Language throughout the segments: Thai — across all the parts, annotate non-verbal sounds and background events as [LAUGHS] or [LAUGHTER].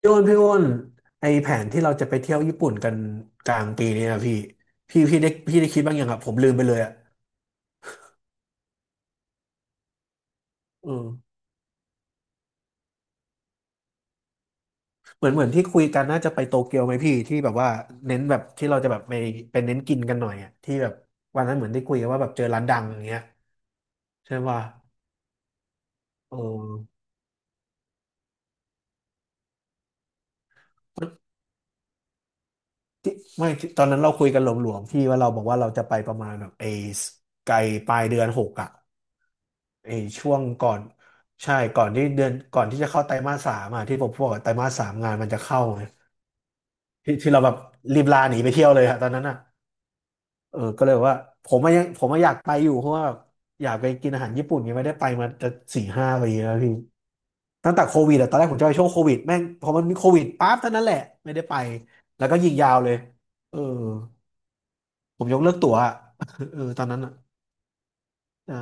พี่อ้นพี่อ้นไอแผนที่เราจะไปเที่ยวญี่ปุ่นกันกลางปีนี้นะพี่พี่ได้พี่ได้คิดบ้างยังอะผมลืมไปเลยอะเออเหมือนที่คุยกันน่าจะไปโตเกียวไหมพี่ที่แบบว่าเน้นแบบที่เราจะแบบไปเน้นกินกันหน่อยอะที่แบบวันนั้นเหมือนได้คุยกันว่าแบบเจอร้านดังอย่างเงี้ยใช่ป่ะเออที่ไม่ที่ตอนนั้นเราคุยกันหลวมๆพี่ว่าเราบอกว่าเราจะไปประมาณแบบไอไกลปลายเดือนหกอะ ไอ้ช่วงก่อนใช่ก่อนที่เดือนก่อนที่จะเข้าไตรมาสสามอ่ะที่ผมพูดว่าไตรมาสสามงานมันจะเข้าไงที่เราแบบรีบลาหนีไปเที่ยวเลยอะตอนนั้นอ่ะเออก็เลยบอกว่าผมอะอยากไปอยู่เพราะว่าอยากไปกินอาหารญี่ปุ่นยังไม่ได้ไปมาจะสี่ห้าปีแล้วพี่ตั้งแต่โควิดอะตอนแรกผมจะไปช่วงโควิดแม่งพอมันมีโควิดปั๊บเท่านั้นแหละไม่ได้ไปแล้วก็ยิงยาวเลยเออผมยกเลิกตั๋วอะ [LAUGHS] เออตอนนั้นอ่ะใช่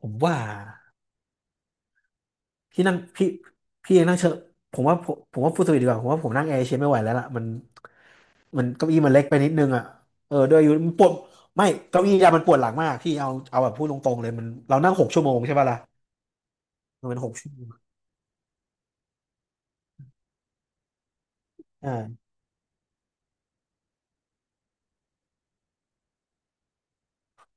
ผมว่า พี่นั่งพี่พี่เองนั่งเชอะผมว่าฟูลสวิตดีกว่าผมว่าผมนั่งแอร์เอเชียไม่ไหวแล้วล่ะมันเก้าอี้มันเล็กไปนิดนึงอ่ะเออด้วยอายุมันปวดไม่เก้าอี้ยามันปวดหลังมากพี่เอาแบบพูดตรงๆเลยมันเรานั่งหกชั่วโมงใช่ป่ะล่ะมันเป็นหกชั่วโมงอ่า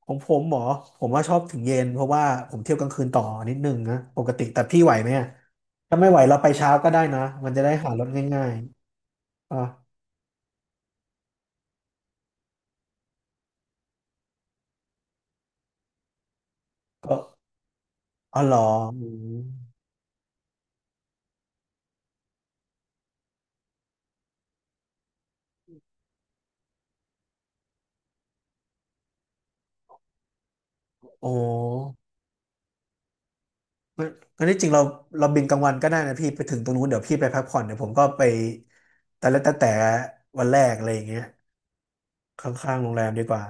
ของผมหมอผมว่าชอบถึงเย็นเพราะว่าผมเที่ยวกลางคืนต่อนิดนึงนะปกติแต่พี่ไหวไหมอะถ้าไม่ไหวเราไปเช้าก็ได้นะมันจะได้หารถง่ายๆอ่ะก็อ๋อเหรออืมโอ้ งั้นงั้นที่จริงเราบินกลางวันก็ได้นะพี่ไปถึงตรงนู้นเดี๋ยวพี่ไปพักผ่อนเดี๋ยวผมก็ไปแต่วันแรกอะไรอย่างเงี้ยข้างๆโรงแรมดีกว่า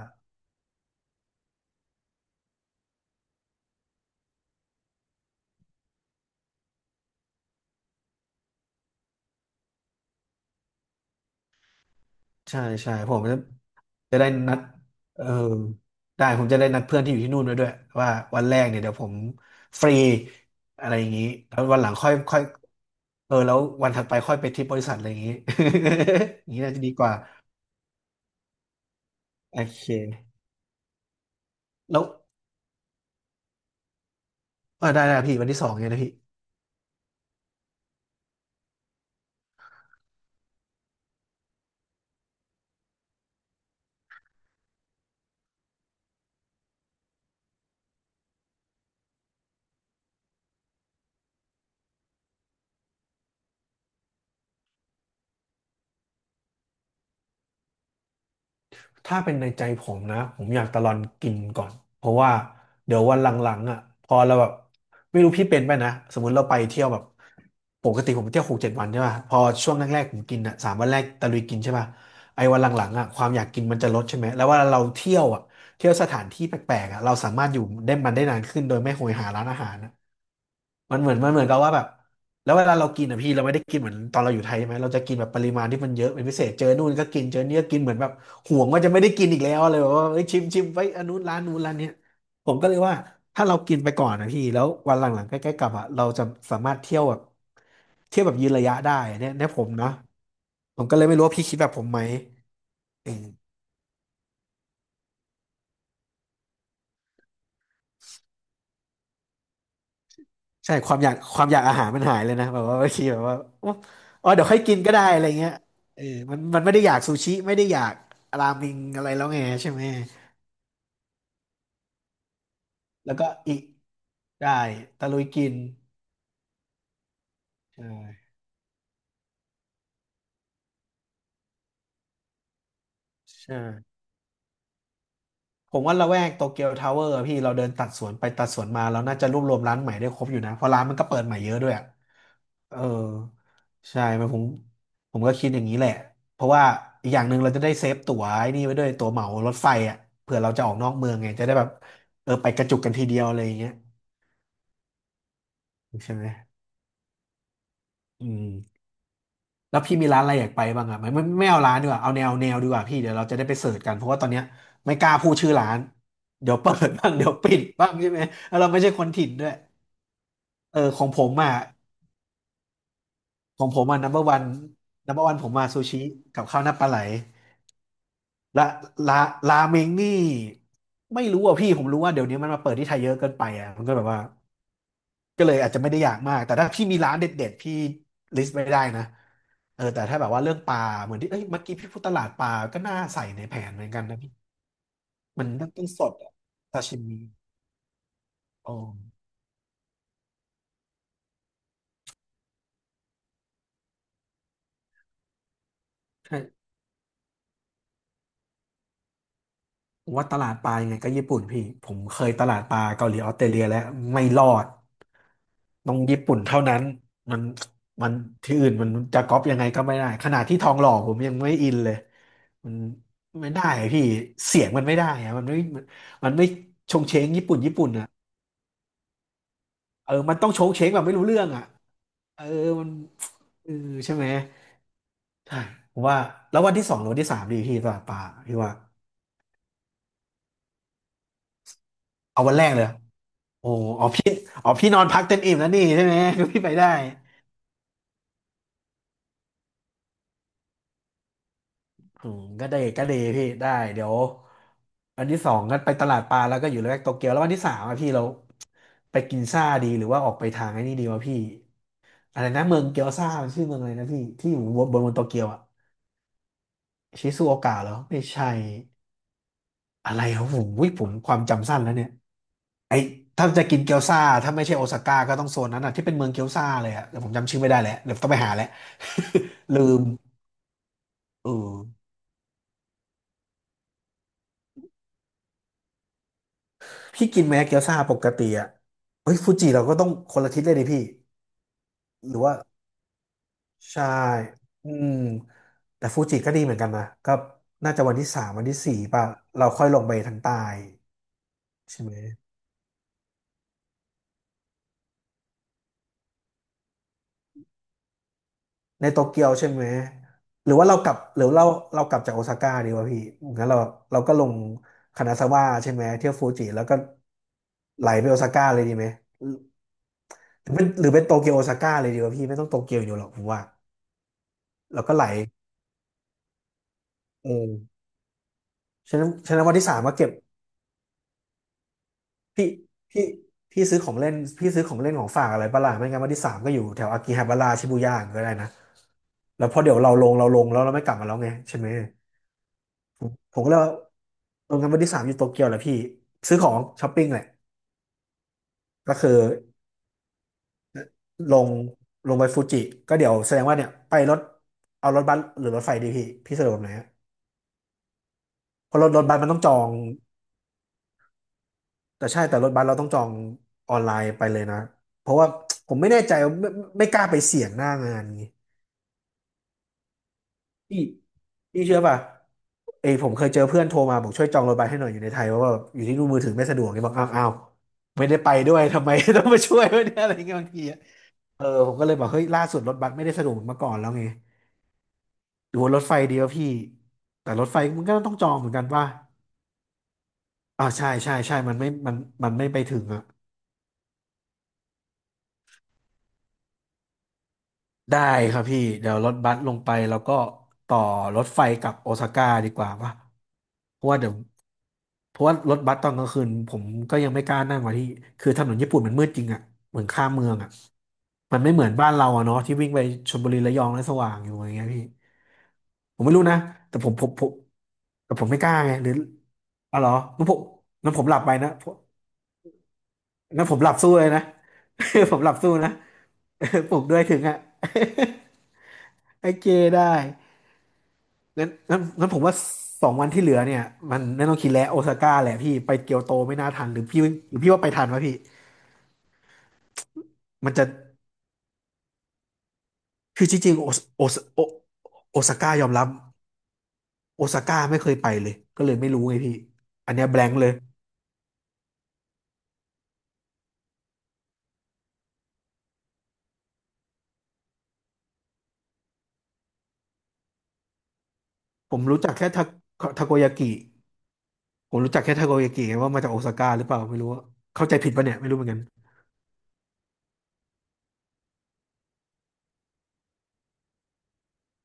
ใช่ใช่ผมจะจะได้นัดเออได้ผมจะได้นัดเพื่อนที่อยู่ที่นู่นไว้ด้วยว่าวันแรกเนี่ยเดี๋ยวผมฟรีอะไรอย่างงี้แล้ววันหลังค่อยค่อยเออแล้ววันถัดไปค่อยไปทริปบริษัทอะไรอย่างงี้ [LAUGHS] อย่างงี้น่าจะดีกว่าโอเคแล้วอ่าได้ได้พี่วันที่สองไงนะพี่ ถ้าเป็นในใจผมนะผมอยากตะลอนกินก่อนเพราะว่าเดี๋ยววันหลังๆอ่ะพอเราแบบไม่รู้พี่เป็นไปนะสมมุติเราไปเที่ยวแบบปกติผมเที่ยวหกเจ็ดวันใช่ป่ะพอช่วงแรกๆผมกินอ่ะสามวันแรกตะลุยกินใช่ป่ะไอ้วันหลังๆอ่ะความอยากกินมันจะลดใช่ไหมแล้วเว่าเราเที่ยวอ่ะเที่ยวสถานที่แปลกๆอ่ะเราสามารถอยู่ได้มันได้นานขึ้นโดยไม่โหยหาร้านอาหารนะมันเหมือนกับว่าแบบ แล้วเวลาเรากินอ่ะพี่เราไม่ได้กินเหมือนตอนเราอยู่ไทยใช่ไหมเราจะกินแบบปริมาณที่มันเยอะเป็นพิเศษเจอนู่นก็กินเจอนี่ก็กินเหมือนแบบห่วงว่าจะไม่ได้กินอีกแล้วอะไรแบบว่าเอ้ยชิมชิมไปอันนู้นร้านนู้นร้านเนี้ยผมก็เลยว่าถ้าเรากินไปก่อนนะพี่แล้ววันหลังๆใกล้ๆกลับอ่ะเราจะสามารถเที่ยวแบบเที่ยวแบบยืนระยะได้เนี่ยผมนะผมก็เลยไม่รู้ว่าพี่คิดแบบผมไหมเออใช่ความอยากอาหารมันหายเลยนะแบบว่าบางทีแบบว่าโอ๊ะอ๋อเดี๋ยวค่อยกินก็ได้อะไรเงี้ยเออมันไม่ได้อยากซูชิไม่ได้อยากราเมงอะไรแล้วไงใช่ไหม แล้วก็อิได้ตะลุยกินใช่ใช่ผมว่าละแวกโตเกียวทาวเวอร์พี่เราเดินตัดสวนไปตัดสวนมาเราน่าจะรวบรวมร้านใหม่ได้ครบอยู่นะเพราะร้านมันก็เปิดใหม่เยอะด้วยอะเออใช่มันผมผมก็คิดอย่างนี้แหละเพราะว่าอีกอย่างหนึ่งเราจะได้เซฟตั๋วไอ้นี่ไว้ด้วยตั๋วเหมารถไฟอ่ะเผื่อเราจะออกนอกเมืองไงจะได้แบบเออไปกระจุกกันทีเดียวอะไรอย่างเงี้ยใช่ไหมอืม แล้วพี่มีร้านอะไรอยากไปบ้างอ่ะไม่เอาร้านดีกว่าเอาแนวดีกว่าพี่เดี๋ยวเราจะได้ไปเสิร์ชกันเพราะว่าตอนเนี้ยไม่กล้าพูดชื่อร้านเดี๋ยวเปิดบ้างเดี๋ยวปิดบ้างใช่ไหมแล้วเราไม่ใช่คนถิ่นด้วยเออของผมอ่ะของผมอ่ะ number one number one ผมมาซูชิกับข้าวหน้าปลาไหลและราราเมงนี่ไม่รู้อ่ะพี่ผมรู้ว่าเดี๋ยวนี้มันมาเปิดที่ไทยเยอะเกินไปอ่ะมันก็แบบว่า ก็เลยอาจจะไม่ได้อยากมาก แต่ถ้าพี่มีร้านเด็ดๆพี่ลิสต์ไม่ได้นะเออแต่ถ้าแบบว่าเรื่องปลาเหมือนที่เอ้ยเมื่อกี้พี่พูดตลาดปลาก็น่าใส่ในแผนเหมือนกันนะพี่มันต้องสดอะซาชิมิอ๋อใช่ผมว่าตลาดปลายังไงก็ญี่ปุ่นพี่ ผมเคยตลาดปลาเกาหลีออสเตรเลียแล้วไม่รอดต้องญี่ปุ่นเท่านั้นมันมันที่อื่นมันจะก๊อปยังไงก็ไม่ได้ขนาดที่ทองหล่อผมยังไม่อินเลยมันไม่ได้อะพี่เสียงมันไม่ได้อะมันมันไม่ชงเชงญี่ปุ่นญี่ปุ่นอ่ะ เออมันต้องโชงเช้งแบบไม่รู้เรื่องอ่ะเออมันเออใช่ไหมใช่ผมว่าแล้ววันที่สองหรือวันที่สามดีพี่ตลาดปลาพี่ว่า เอาวันแรกเลย โอ้อ๋อพี่อ๋อพี่นอนพักเต็มอิ่มแล้วนี่ใช่ไหมก็ [LAUGHS] พี่ไปได้อืมก็ได้ก็ดีพี่ได้เดี๋ยววันที่สองก็ไปตลาดปลาแล้วก็อยู่ละแวกโตเกียวแล้ววันที่สามอะพี่เราไปกินซ่าดีหรือว่าออกไปทางไอ้นี่ดีวะพี่อะไรนะเมืองเกียวซ่ามันชื่อเมืองอะไรนะพี่ ที่อยู่บนโตเกียวอะชิซูโอกะเหรอไม่ใช่ อะไรครับผมความจำสั้นแล้วเนี่ยไอถ้าจะกินเกี๊ยวซ่าถ้าไม่ใช่โอซาก้าก็ต้องโซนนั้นอ่ะที่เป็นเมืองเกี๊ยวซ่าเลยอ่ะแต่ผมจำชื่อไม่ได้แล้วเดี๋ยวต้องไปหาแล้ว [LAUGHS] ลืมเออพี่กินไหมเกี๊ยวซ่าปกติอ่ะเฮ้ยฟูจิเราก็ต้องคนละทิศเลยดิพี่หรือว่าใช่อืมแต่ฟูจิก็ดีเหมือนกันนะก็น่าจะวันที่สามวันที่สี่ป่ะเราค่อยลงไปทางใต้ใช่ไหม ในโตเกียวใช่ไหมหรือว่าเรากลับจากโอซาก้าดีวะพี่งั้นเราเราก็ลงคานาซาวะใช่ไหมเที่ยวฟูจิแล้วก็ไหลไปโอซาก้าเลยดีไหมหรหรือเป็นโตเกียวโอซาก้าเลยดีวะพี่ไม่ต้องโตเกียวอยู่หรอกผมว่าแล้วก็ไหลเออฉะนั้นวันที่สาม่าเก็บพี่พี่พี่ซื้อของเล่นพี่ซื้อของเล่นของฝากอะไรปะล่ะไม่งั้นวันที่สามก็อยู่แถวอากิฮาบาระชิบูย่าก็ได้นะแล้วพอเดี๋ยวเราลงแล้วเราไม่กลับมาแล้วไงใช่ไหม ผมก็เลยว่าลงกันวันที่สามอยู่โตเกียวแหละพี่ซื้อของช้อปปิ้งแหละก็คือลงลงไปฟูจิก็เดี๋ยวแสดงว่าเนี่ยไปรถเอารถบัสหรือรถไฟดีพี่พี่สะดวกแบบไหนฮะเพราะรถบัสมันต้องจองแต่ใช่แต่รถบัสเราต้องจองออนไลน์ไปเลยนะเพราะว่าผมไม่แน่ใจว่าไม่กล้าไปเสี่ยงหน้างานนี้พี่พี่เชื่อป่ะเอ้ยผมเคยเจอเพื่อนโทรมาบอกช่วยจองรถบัสให้หน่อยอยู่ในไทยเพราะว่าอยู่ที่นู่นมือถือไม่สะดวกเนี่ยบอกอ้าวไม่ได้ไปด้วยทำไม [LAUGHS] ต้องมาช่วยด้วยเนี่ยอะไรเงี้ยบางทีอะ เออผมก็เลยบอกเฮ้ยล่าสุดรถบัสไม่ได้สะดวกเหมือนเมื่อก่อนแล้วไงหรือว่ารถไฟดีวะพี่แต่รถไฟมันก็ต้องจองเหมือนกันว่าใช่ใช่ใช่มันไม่ไปถึงอ่ะ ได้ครับพี่เดี๋ยวรถบัสลงไปแล้วก็ต่อรถไฟกลับโอซาก้าดีกว่าป่ะเพราะว่าเดี๋ยวเพราะว่ารถบัสตอนกลางคืนผมก็ยังไม่กล้านั่งว่ะที่คือถนนญี่ปุ่นมันมืดจริงอ่ะเหมือนข้ามเมืองอ่ะมันไม่เหมือนบ้านเราอ่ะเนาะที่วิ่งไปชลบุรีระยองแล้วสว่างอยู่อย่างเงี้ยพี่ผมไม่รู้นะแต่ผมแต่ผมไม่กล้าไงหรืออ๋อเหรองั้นผมงั้นผมหลับไปนะผมงั้นผมหลับสู้เลยนะ [LAUGHS] ผมหลับสู้นะ [LAUGHS] ปลุกด้วยถึงอ่ะ [LAUGHS] ไอเจได้งั้นผมว่าสองวันที่เหลือเนี่ยมันไม่ต้องคิดแล้วโอซาก้าแหละพี่ไปเกียวโตไม่น่าทันหรือพี่หรือพี่ว่าไปทันวะพี่มันจะคือจริงๆโอซาก้ายอมรับโอซาก้าไม่เคยไปเลยก็เลยไม่รู้ไงพี่อันเนี้ยแบ a ง k เลยผมรู้จักแค่ทาโกยากิผมรู้จักแค่ทาโกยากิไงว่ามาจากโอซาก้าหรือเปล่าไม่รู้ว่าเข้าใจผิดปะเนี่ยไม่รู้เหมือนกัน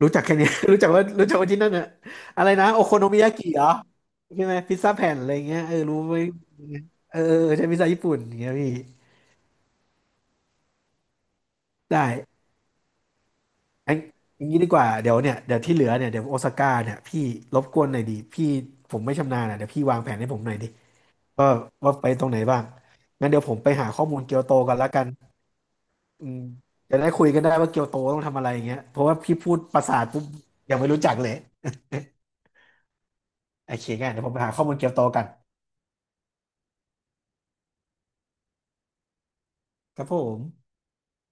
รู้จักแค่เนี้ย [LAUGHS] รู้จักว่าที่นั่นอะอะไรนะโอโคโนมิยากิเหรอใช่ไหมพิซซ่าแผ่นอะไรเงี้ยเออรู้ไหมเอออใช่พิซซ่าญี่ปุ่นอย่างเงี้ยพี่ได้อันอย่างนี้ดีกว่าเดี๋ยวที่เหลือเนี่ยเดี๋ยวโอซาก้าเนี่ยพี่รบกวนหน่อยดีพี่ผมไม่ชำนาญอะเดี๋ยวพี่วางแผนให้ผมหน่อยดิว่าว่าไปตรงไหนบ้างงั้นเดี๋ยวผมไปหาข้อมูลเกียวโตก่อนละกันอืมจะได้คุยกันได้ว่าเกียวโตต้องทำอะไรอย่างเงี้ยเพราะว่าพี่พูดภาษาทปุ๊บยังไม่รู้จักเลยโอเคงั้นเดี๋ยวผมไปหาข้อมูลเกียวโตกันครับผม